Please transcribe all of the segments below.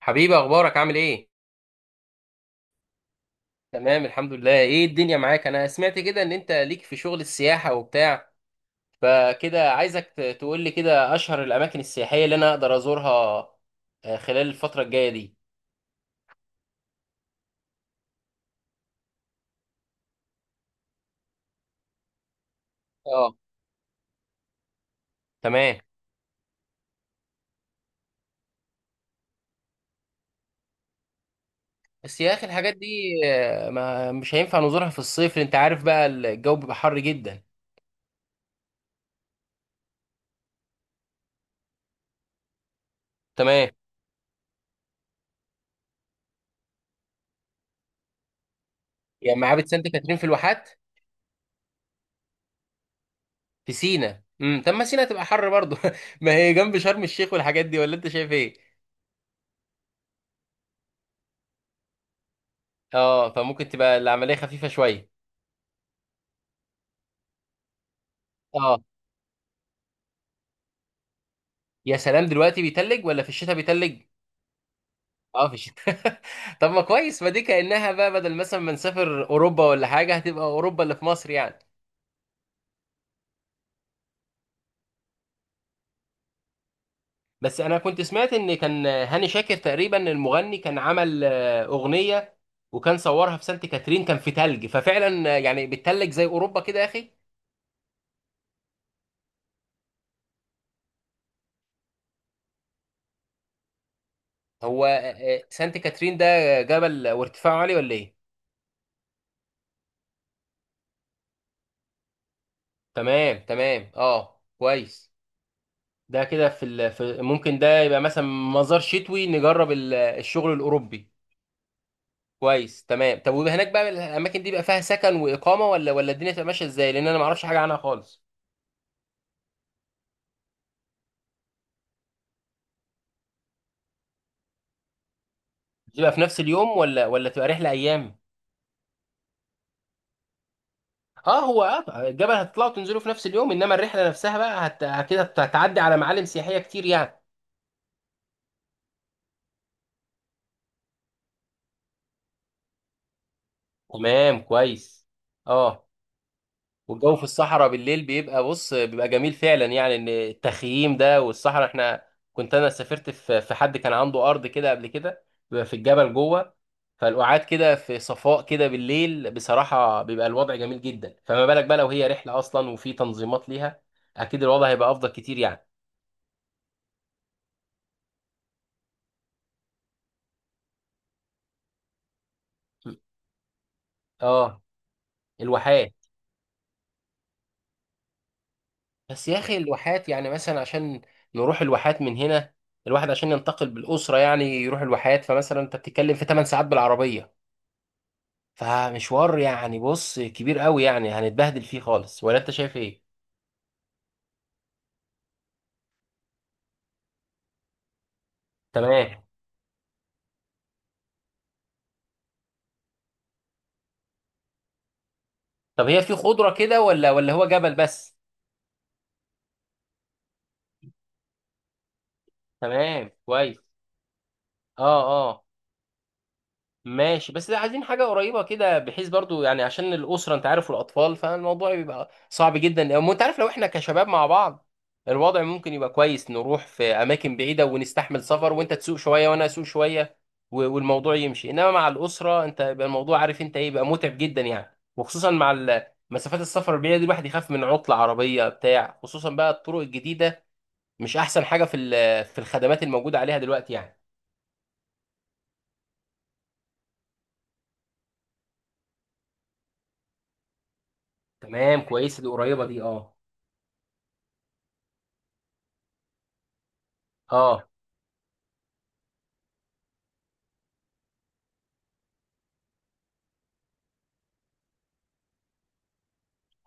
حبيبي، اخبارك عامل ايه؟ تمام الحمد لله. ايه الدنيا معاك؟ انا سمعت كده ان انت ليك في شغل السياحة وبتاع، فكده عايزك تقول لي كده اشهر الاماكن السياحية اللي انا اقدر ازورها خلال الفترة الجاية دي. اه تمام. بس يا اخي الحاجات دي ما مش هينفع نزورها في الصيف، لأن انت عارف بقى الجو بيبقى حر جدا. تمام. يعني معابد سانت كاترين في الواحات؟ في سينا طب ما سينا تبقى حر برضه ما هي جنب شرم الشيخ والحاجات دي، ولا انت شايف ايه؟ اه فممكن تبقى العملية خفيفة شوية. اه، يا سلام، دلوقتي بيتلج ولا في الشتاء بيتلج؟ اه في الشتاء طب ما كويس، ما دي كأنها بقى بدل مثلا ما نسافر اوروبا ولا حاجه، هتبقى اوروبا اللي في مصر يعني. بس انا كنت سمعت ان كان هاني شاكر تقريبا المغني كان عمل اغنيه وكان صورها في سانت كاترين، كان في تلج، ففعلا يعني بتتلج زي اوروبا كده يا اخي. هو سانت كاترين ده جبل وارتفاعه عالي ولا ايه؟ تمام تمام، اه كويس. ده كده في ممكن ده يبقى مثلا مزار شتوي، نجرب الشغل الاوروبي. كويس تمام. طب وهناك بقى الاماكن دي بقى فيها سكن واقامه، ولا الدنيا تبقى ماشيه ازاي؟ لان انا ما اعرفش حاجه عنها خالص. تبقى في نفس اليوم، ولا تبقى رحله ايام؟ اه، هو الجبل هتطلعوا تنزلوا في نفس اليوم، انما الرحله نفسها بقى كده هتعدي على معالم سياحيه كتير يعني. تمام كويس. اه، والجو في الصحراء بالليل بيبقى، بص، بيبقى جميل فعلا، يعني ان التخييم ده والصحراء، احنا كنت انا سافرت في حد كان عنده ارض كده قبل كده، بيبقى في الجبل جوه، فالقعاد كده في صفاء كده بالليل بصراحة بيبقى الوضع جميل جدا. فما بالك بقى لو هي رحلة اصلا وفي تنظيمات ليها، اكيد الوضع هيبقى افضل كتير يعني. اه، الواحات. بس يا اخي الواحات يعني مثلا عشان نروح الواحات من هنا، الواحد عشان ينتقل بالأسرة يعني يروح الواحات، فمثلا انت بتتكلم في 8 ساعات بالعربية، فمشوار يعني، بص، كبير قوي، يعني هنتبهدل فيه خالص، ولا انت شايف ايه؟ تمام. طب هي في خضرة كده، ولا هو جبل بس؟ تمام كويس. اه. آه. ماشي، بس عايزين حاجة قريبة كده بحيث، برضو يعني عشان الأسرة أنت عارف، والأطفال فالموضوع بيبقى صعب جدا، وأنت عارف لو إحنا كشباب مع بعض الوضع ممكن يبقى كويس، نروح في أماكن بعيدة ونستحمل سفر، وأنت تسوق شوية وأنا أسوق شوية والموضوع يمشي، إنما مع الأسرة أنت يبقى الموضوع عارف أنت إيه، يبقى متعب جدا يعني، وخصوصا مع مسافات السفر البعيدة دي، الواحد يخاف من عطلة عربية بتاع خصوصا بقى الطرق الجديدة مش أحسن حاجة في في الخدمات الموجودة عليها دلوقتي يعني. تمام كويسة، دي قريبة دي، أه أه.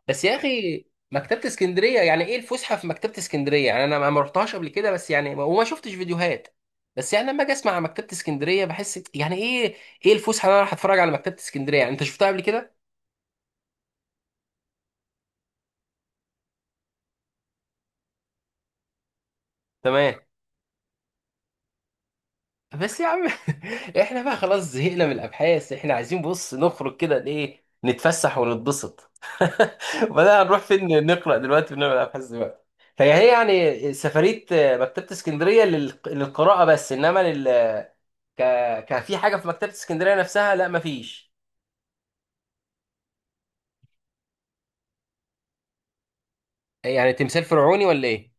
بس يا اخي مكتبة اسكندرية، يعني ايه الفسحة في مكتبة اسكندرية؟ يعني انا ما رحتهاش قبل كده، بس يعني وما شفتش فيديوهات، بس يعني لما اجي اسمع عن مكتبة اسكندرية بحس يعني ايه الفسحة اللي انا راح اتفرج على مكتبة اسكندرية يعني؟ انت شفتها قبل كده؟ تمام. بس يا عم احنا بقى خلاص زهقنا من الابحاث، احنا عايزين، بص، نخرج كده ايه، نتفسح ونتبسط. وبعدين هنروح فين؟ نقرأ دلوقتي ونعمل ابحاث دلوقتي؟ فهي يعني سفرية مكتبة اسكندرية للقراءة بس، انما ك... كان في حاجه في مكتبه اسكندريه نفسها لا مفيش؟ يعني تمثال فرعوني ولا ايه؟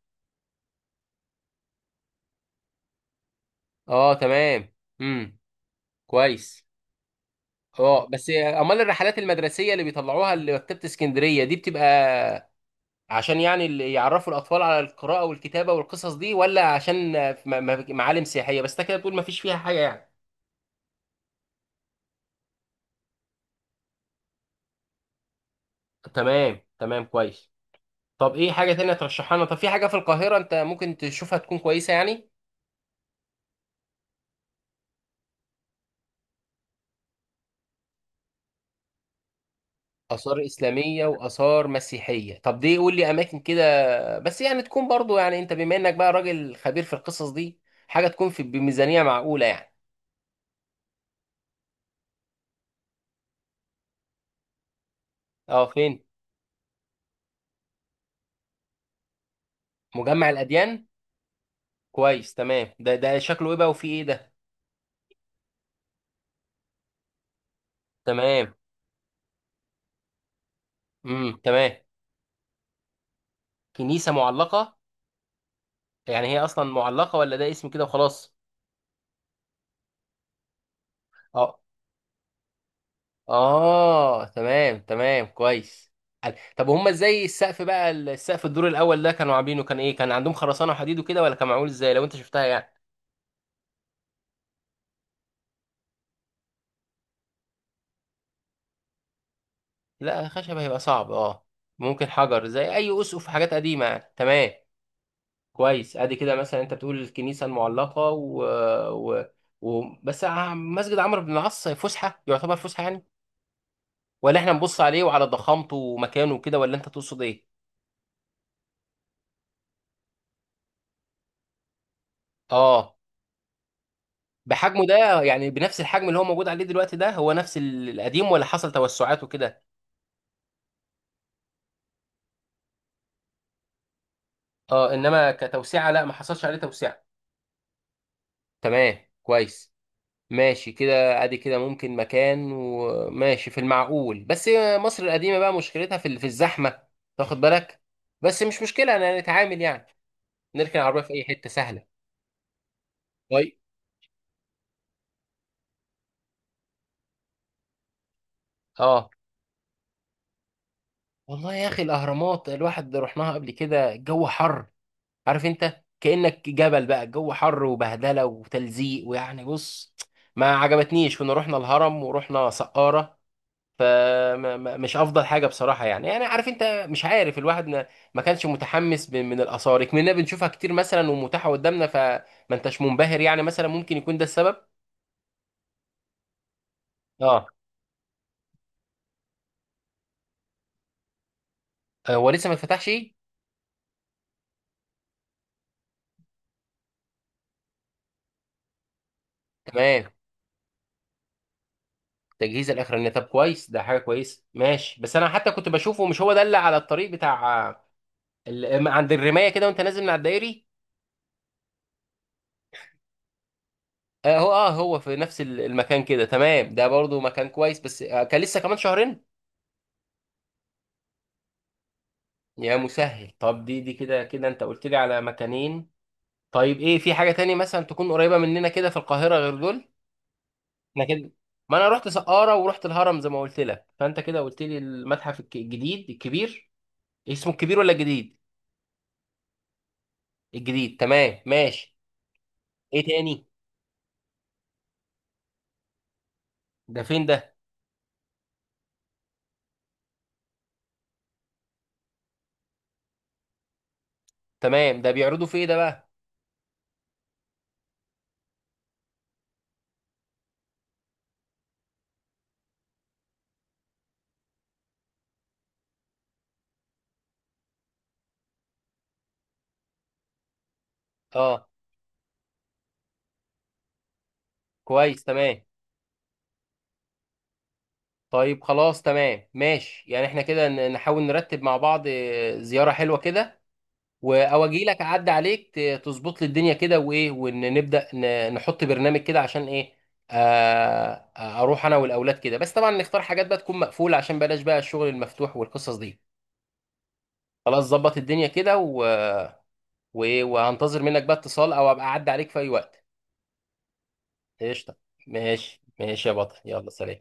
اه تمام، امم كويس. اه بس امال الرحلات المدرسيه اللي بيطلعوها لمكتبه اسكندريه دي بتبقى عشان يعني اللي يعرفوا الاطفال على القراءه والكتابه والقصص دي، ولا عشان معالم سياحيه بس؟ انت كده بتقول مفيش فيها حاجه يعني؟ تمام تمام كويس. طب ايه حاجه تانية ترشحها لنا؟ طب في حاجه في القاهره انت ممكن تشوفها تكون كويسه يعني؟ آثار إسلامية وآثار مسيحية؟ طب دي قول لي أماكن كده، بس يعني تكون برضو، يعني أنت بما إنك بقى راجل خبير في القصص دي، حاجة تكون في بميزانية معقولة يعني. أه، فين؟ مجمع الأديان؟ كويس تمام. ده شكله إيه بقى وفيه إيه ده؟ تمام، تمام. كنيسة معلقة؟ يعني هي أصلا معلقة، ولا ده اسم كده وخلاص؟ أه. آه تمام تمام كويس. طب هما ازاي السقف بقى، السقف الدور الاول ده كانوا عاملينه كان ايه، كان عندهم خرسانه وحديد وكده، ولا كان معمول ازاي لو انت شفتها يعني؟ لا خشب هيبقى صعب، اه. ممكن حجر زي اي اسقف حاجات قديمه يعني. تمام كويس. ادي كده، مثلا انت بتقول الكنيسه المعلقه و... بس مسجد عمرو بن العاص فسحه؟ يعتبر فسحه يعني، ولا احنا نبص عليه وعلى ضخامته ومكانه وكده، ولا انت تقصد ايه؟ اه. بحجمه ده يعني، بنفس الحجم اللي هو موجود عليه دلوقتي ده هو نفس القديم، ولا حصل توسعات وكده؟ اه، انما كتوسعه لا ما حصلش عليه توسعه؟ تمام كويس. ماشي كده، ادي كده ممكن مكان وماشي في المعقول. بس مصر القديمة بقى مشكلتها في الزحمة، تاخد بالك؟ بس مش مشكلة، انا نتعامل يعني، نركن العربية في اي حتة سهلة. طيب. اه، والله يا اخي الاهرامات الواحد رحناها قبل كده، الجو حر، عارف انت، كأنك جبل بقى، الجو حر وبهدلة وتلزيق، ويعني، بص، ما عجبتنيش. كنا رحنا الهرم ورحنا سقارة، فمش افضل حاجه بصراحه يعني. يعني عارف انت، مش عارف، الواحد ما كانش متحمس من الاثار، كنا بنشوفها كتير مثلا ومتاحه قدامنا، فما انتش منبهر يعني، مثلا ممكن يكون ده السبب. اه، هو لسه ما اتفتحش؟ تمام. تجهيز الاخراني، طب كويس، ده حاجه كويسه. ماشي. بس انا حتى كنت بشوفه، مش هو ده اللي على الطريق بتاع عند الرمايه كده وانت نازل من على الدائري؟ هو في نفس المكان كده؟ تمام، ده برضو مكان كويس، بس كان لسه كمان شهرين. يا مسهل. طب دي كده كده انت قلت لي على مكانين. طيب ايه، في حاجة تاني مثلا تكون قريبة مننا كده في القاهرة غير دول؟ احنا كده ما انا رحت سقارة ورحت الهرم زي ما قلت لك، فانت كده قلت لي المتحف الجديد الكبير، اسمه الكبير ولا الجديد؟ الجديد، تمام ماشي. ايه تاني؟ ده فين ده؟ تمام، ده بيعرضوا في ايه ده بقى؟ اه كويس تمام. طيب خلاص تمام، ماشي يعني احنا كده نحاول نرتب مع بعض زيارة حلوة كده، او اجي لك اعدي عليك تظبط لي الدنيا كده وايه، ونبدا نحط برنامج كده، عشان ايه اروح انا والاولاد كده، بس طبعا نختار حاجات بقى تكون مقفوله، عشان بلاش بقى الشغل المفتوح والقصص دي. خلاص. ظبط الدنيا كده وهنتظر منك بقى اتصال، او ابقى اعدي عليك في اي وقت. قشطه. ماشي ماشي يا بطل، يلا سلام.